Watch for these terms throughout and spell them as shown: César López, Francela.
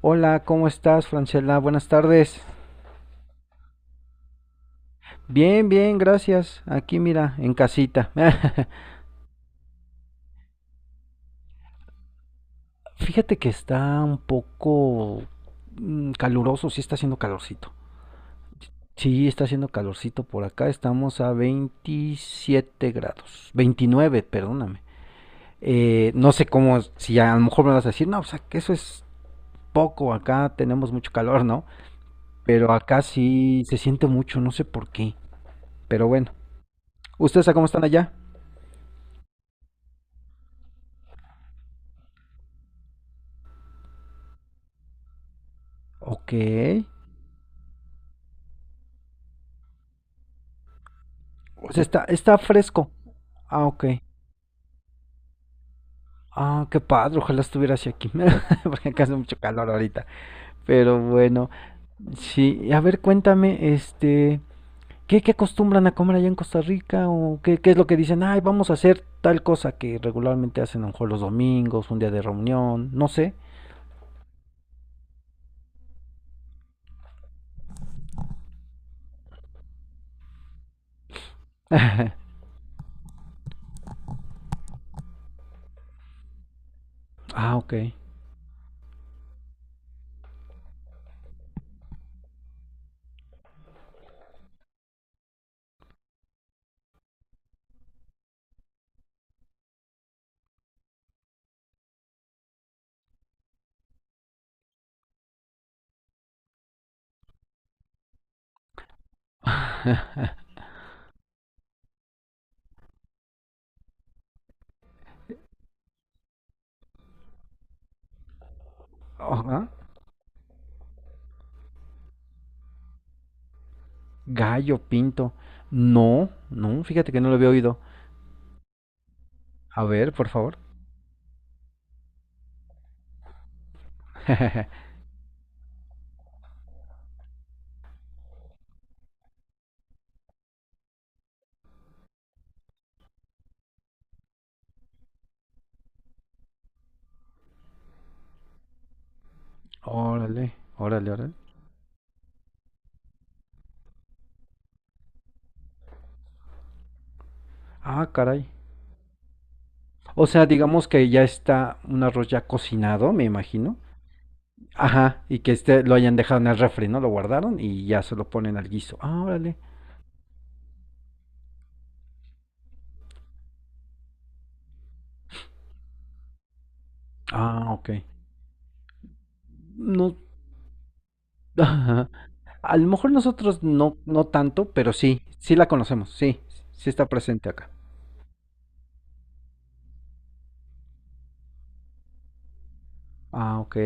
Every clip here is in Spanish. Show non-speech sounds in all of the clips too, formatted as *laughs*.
Hola, ¿cómo estás, Francela? Buenas tardes. Bien, bien, gracias. Aquí mira, en casita. *laughs* Fíjate que está un poco caluroso, sí está haciendo calorcito. Sí, está haciendo calorcito por acá. Estamos a 27 grados. 29, perdóname. No sé cómo, si a lo mejor me vas a decir, no, o sea, que eso es poco, acá tenemos mucho calor, ¿no? Pero acá sí se siente mucho, no sé por qué. Pero bueno, ¿ustedes a cómo están allá? Ok. Pues está, está fresco. Ah, ok. Ah, qué padre, ojalá estuviera hacia aquí, *laughs* porque acá hace mucho calor ahorita. Pero bueno, sí. Y a ver, cuéntame, ¿qué, qué acostumbran a comer allá en Costa Rica? ¿O qué, qué es lo que dicen? Ay, vamos a hacer tal cosa que regularmente hacen a lo mejor los domingos, un día de reunión, no sé. *laughs* Ah, ok. Ajá. Gallo pinto. No, no, fíjate que no lo había oído. A ver, por favor. *laughs* Órale, órale, órale. Ah, caray. O sea, digamos que ya está un arroz ya cocinado, me imagino. Ajá, y que este lo hayan dejado en el refri, ¿no? Lo guardaron y ya se lo ponen al guiso. Ah, órale. Ah, ok. No, *laughs* ajá. A lo mejor nosotros no, no tanto, pero sí, sí la conocemos, sí, sí está presente acá. Ah, ok.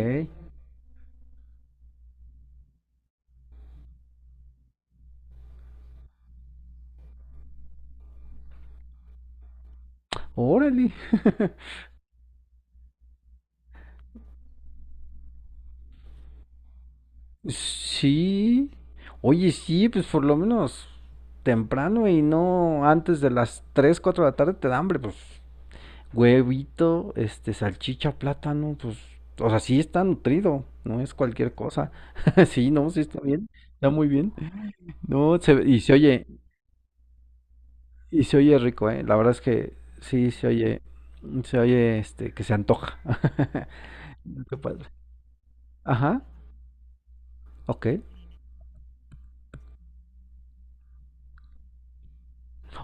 Órale. *laughs* Sí. Oye, sí, pues por lo menos temprano y no antes de las 3, 4 de la tarde te da hambre, pues huevito, salchicha, plátano, pues, o sea, sí está nutrido, no es cualquier cosa. *laughs* Sí, no, sí está bien, está muy bien. No, se, y se oye rico, eh. La verdad es que sí se oye, que se antoja. *laughs* Qué padre. Ajá, ok.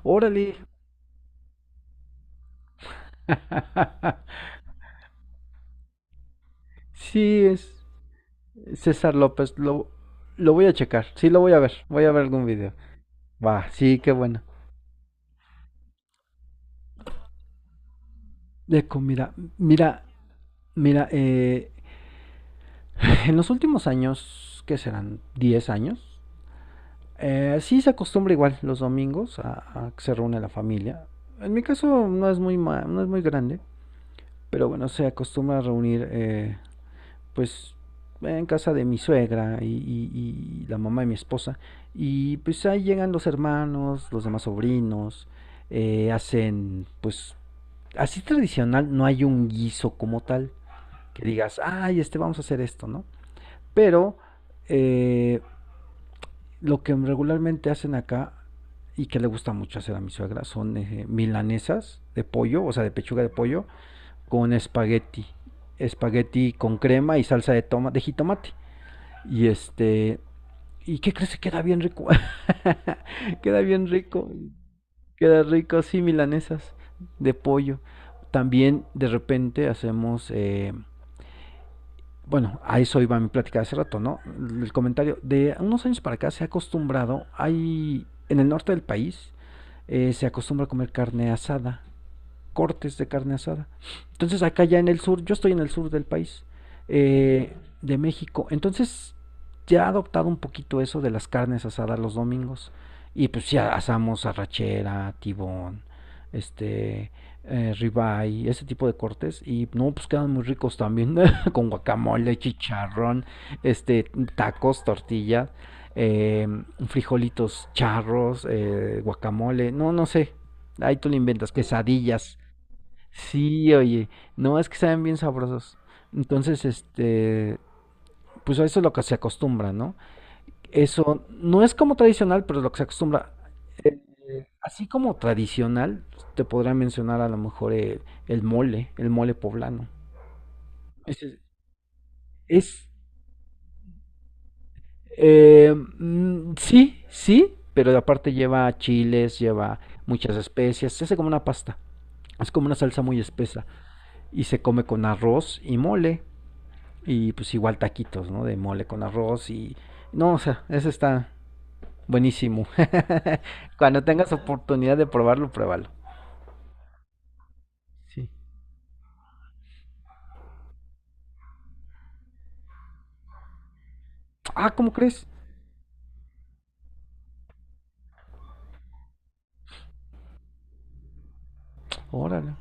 Órale. *laughs* Sí, es César López, lo voy a checar, sí lo voy a ver algún video. Va, sí, qué bueno. De comida, mira, mira, *laughs* En los últimos años, que serán 10 años, sí se acostumbra igual los domingos a que se reúne la familia. En mi caso no es muy, no es muy grande, pero bueno, se acostumbra a reunir pues en casa de mi suegra y, y la mamá de mi esposa. Y pues ahí llegan los hermanos, los demás sobrinos, hacen pues así tradicional, no hay un guiso como tal que digas, ay, vamos a hacer esto, ¿no? Pero... eh, lo que regularmente hacen acá y que le gusta mucho hacer a mi suegra son milanesas de pollo, o sea, de pechuga de pollo con espagueti, espagueti con crema y salsa de toma de jitomate. Y este, ¿y qué crees que queda bien rico? *laughs* Queda bien rico. Queda rico, sí, milanesas de pollo. También de repente hacemos bueno, a eso iba mi plática de hace rato, ¿no? El comentario de unos años para acá se ha acostumbrado, hay en el norte del país se acostumbra a comer carne asada cortes de carne asada. Entonces acá ya en el sur, yo estoy en el sur del país, eh, de México, entonces ya ha adoptado un poquito eso de las carnes asadas los domingos. Y pues ya asamos arrachera, tibón, este, ribeye, ese tipo de cortes. Y no, pues quedan muy ricos también, *laughs* con guacamole, chicharrón, este, tacos, tortilla, eh, frijolitos charros, guacamole, no, no sé. Ahí tú le inventas, quesadillas. Sí, oye, no es que saben bien sabrosos. Entonces, pues eso es lo que se acostumbra, ¿no? Eso no es como tradicional, pero es lo que se acostumbra. Eh, así como tradicional, te podría mencionar a lo mejor el mole poblano. Ese es, eh, sí, sí, pero aparte lleva chiles, lleva muchas especias, se hace como una pasta. Es como una salsa muy espesa y se come con arroz y mole. Y pues igual taquitos, ¿no? De mole con arroz y... No, o sea, ese está buenísimo. *laughs* Cuando tengas oportunidad de probarlo, pruébalo. Sí. Ah, ¿cómo crees? Órale.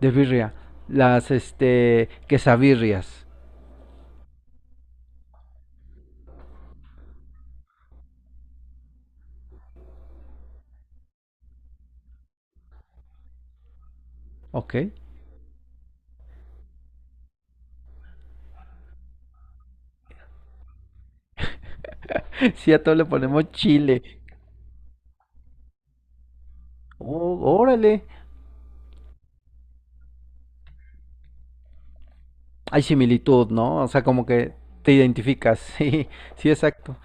De birria. Las, quesabirrias. Ok. *laughs* Sí, a todo le ponemos chile. Oh, órale. Hay similitud, ¿no? O sea, como que te identificas. *laughs* Sí, sí, exacto.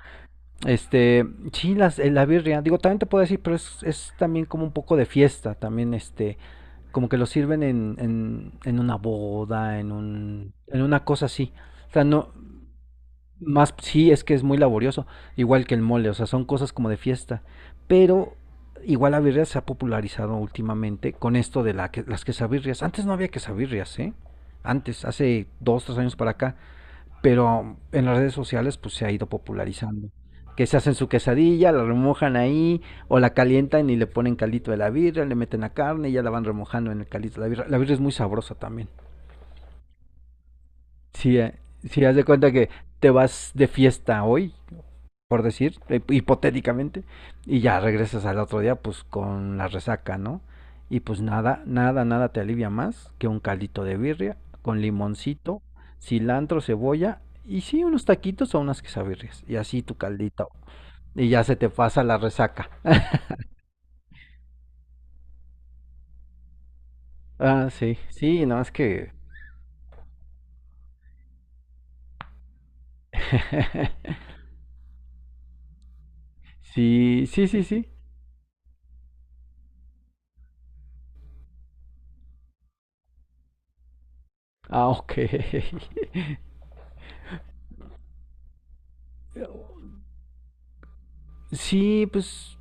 Este, sí, las, la birria. Digo, también te puedo decir, pero es también como un poco de fiesta. También, como que lo sirven en una boda, en un, en una cosa así. O sea, no, más sí es que es muy laborioso, igual que el mole, o sea, son cosas como de fiesta. Pero igual la birria se ha popularizado últimamente con esto de la que, las quesabirrias. Antes no había quesabirrias, ¿eh? Antes, hace dos, tres años para acá, pero en las redes sociales pues se ha ido popularizando. Que se hacen su quesadilla, la remojan ahí, o la calientan y le ponen caldito de la birra, le meten la carne y ya la van remojando en el caldito de la birra. La birra es muy sabrosa también. Si, si haz de cuenta que te vas de fiesta hoy por decir, hipotéticamente, y ya regresas al otro día pues con la resaca, ¿no? Y pues nada, nada, nada te alivia más que un caldito de birria con limoncito, cilantro, cebolla y sí unos taquitos o unas quesabirrias y así tu caldito y ya se te pasa la resaca. Ah, sí, sí, no es que *laughs* sí, sí, sí, sí. Ah, ok. *laughs* Sí, pues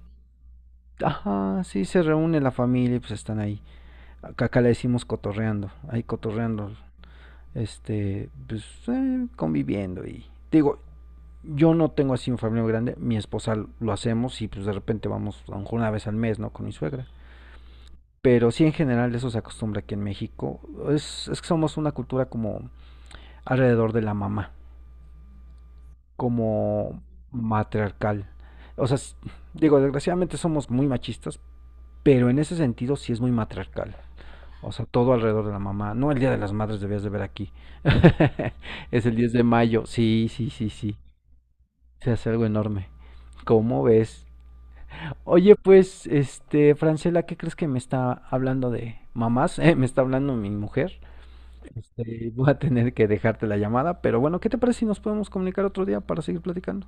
ajá, sí se reúne la familia y pues están ahí. Acá, acá le decimos cotorreando, ahí cotorreando, pues conviviendo y digo, yo no tengo así un familia grande, mi esposa lo hacemos y pues de repente vamos a lo mejor una vez al mes, ¿no? Con mi suegra. Pero sí en general eso se acostumbra aquí en México. Es que somos una cultura como alrededor de la mamá, como matriarcal. O sea, digo, desgraciadamente somos muy machistas, pero en ese sentido sí es muy matriarcal. O sea, todo alrededor de la mamá. No, el Día de las Madres debías de ver aquí. *laughs* Es el 10 de mayo. Sí, sí, sí, sí. Se hace algo enorme. ¿Cómo ves? Oye, pues, Francela, ¿qué crees que me está hablando de mamás? *laughs* Me está hablando mi mujer. Voy a tener que dejarte la llamada, pero bueno, ¿qué te parece si nos podemos comunicar otro día para seguir platicando?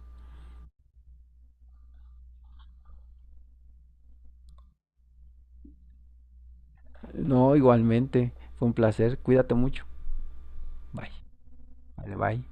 No, igualmente. Fue un placer. Cuídate mucho. Bye. Vale, bye.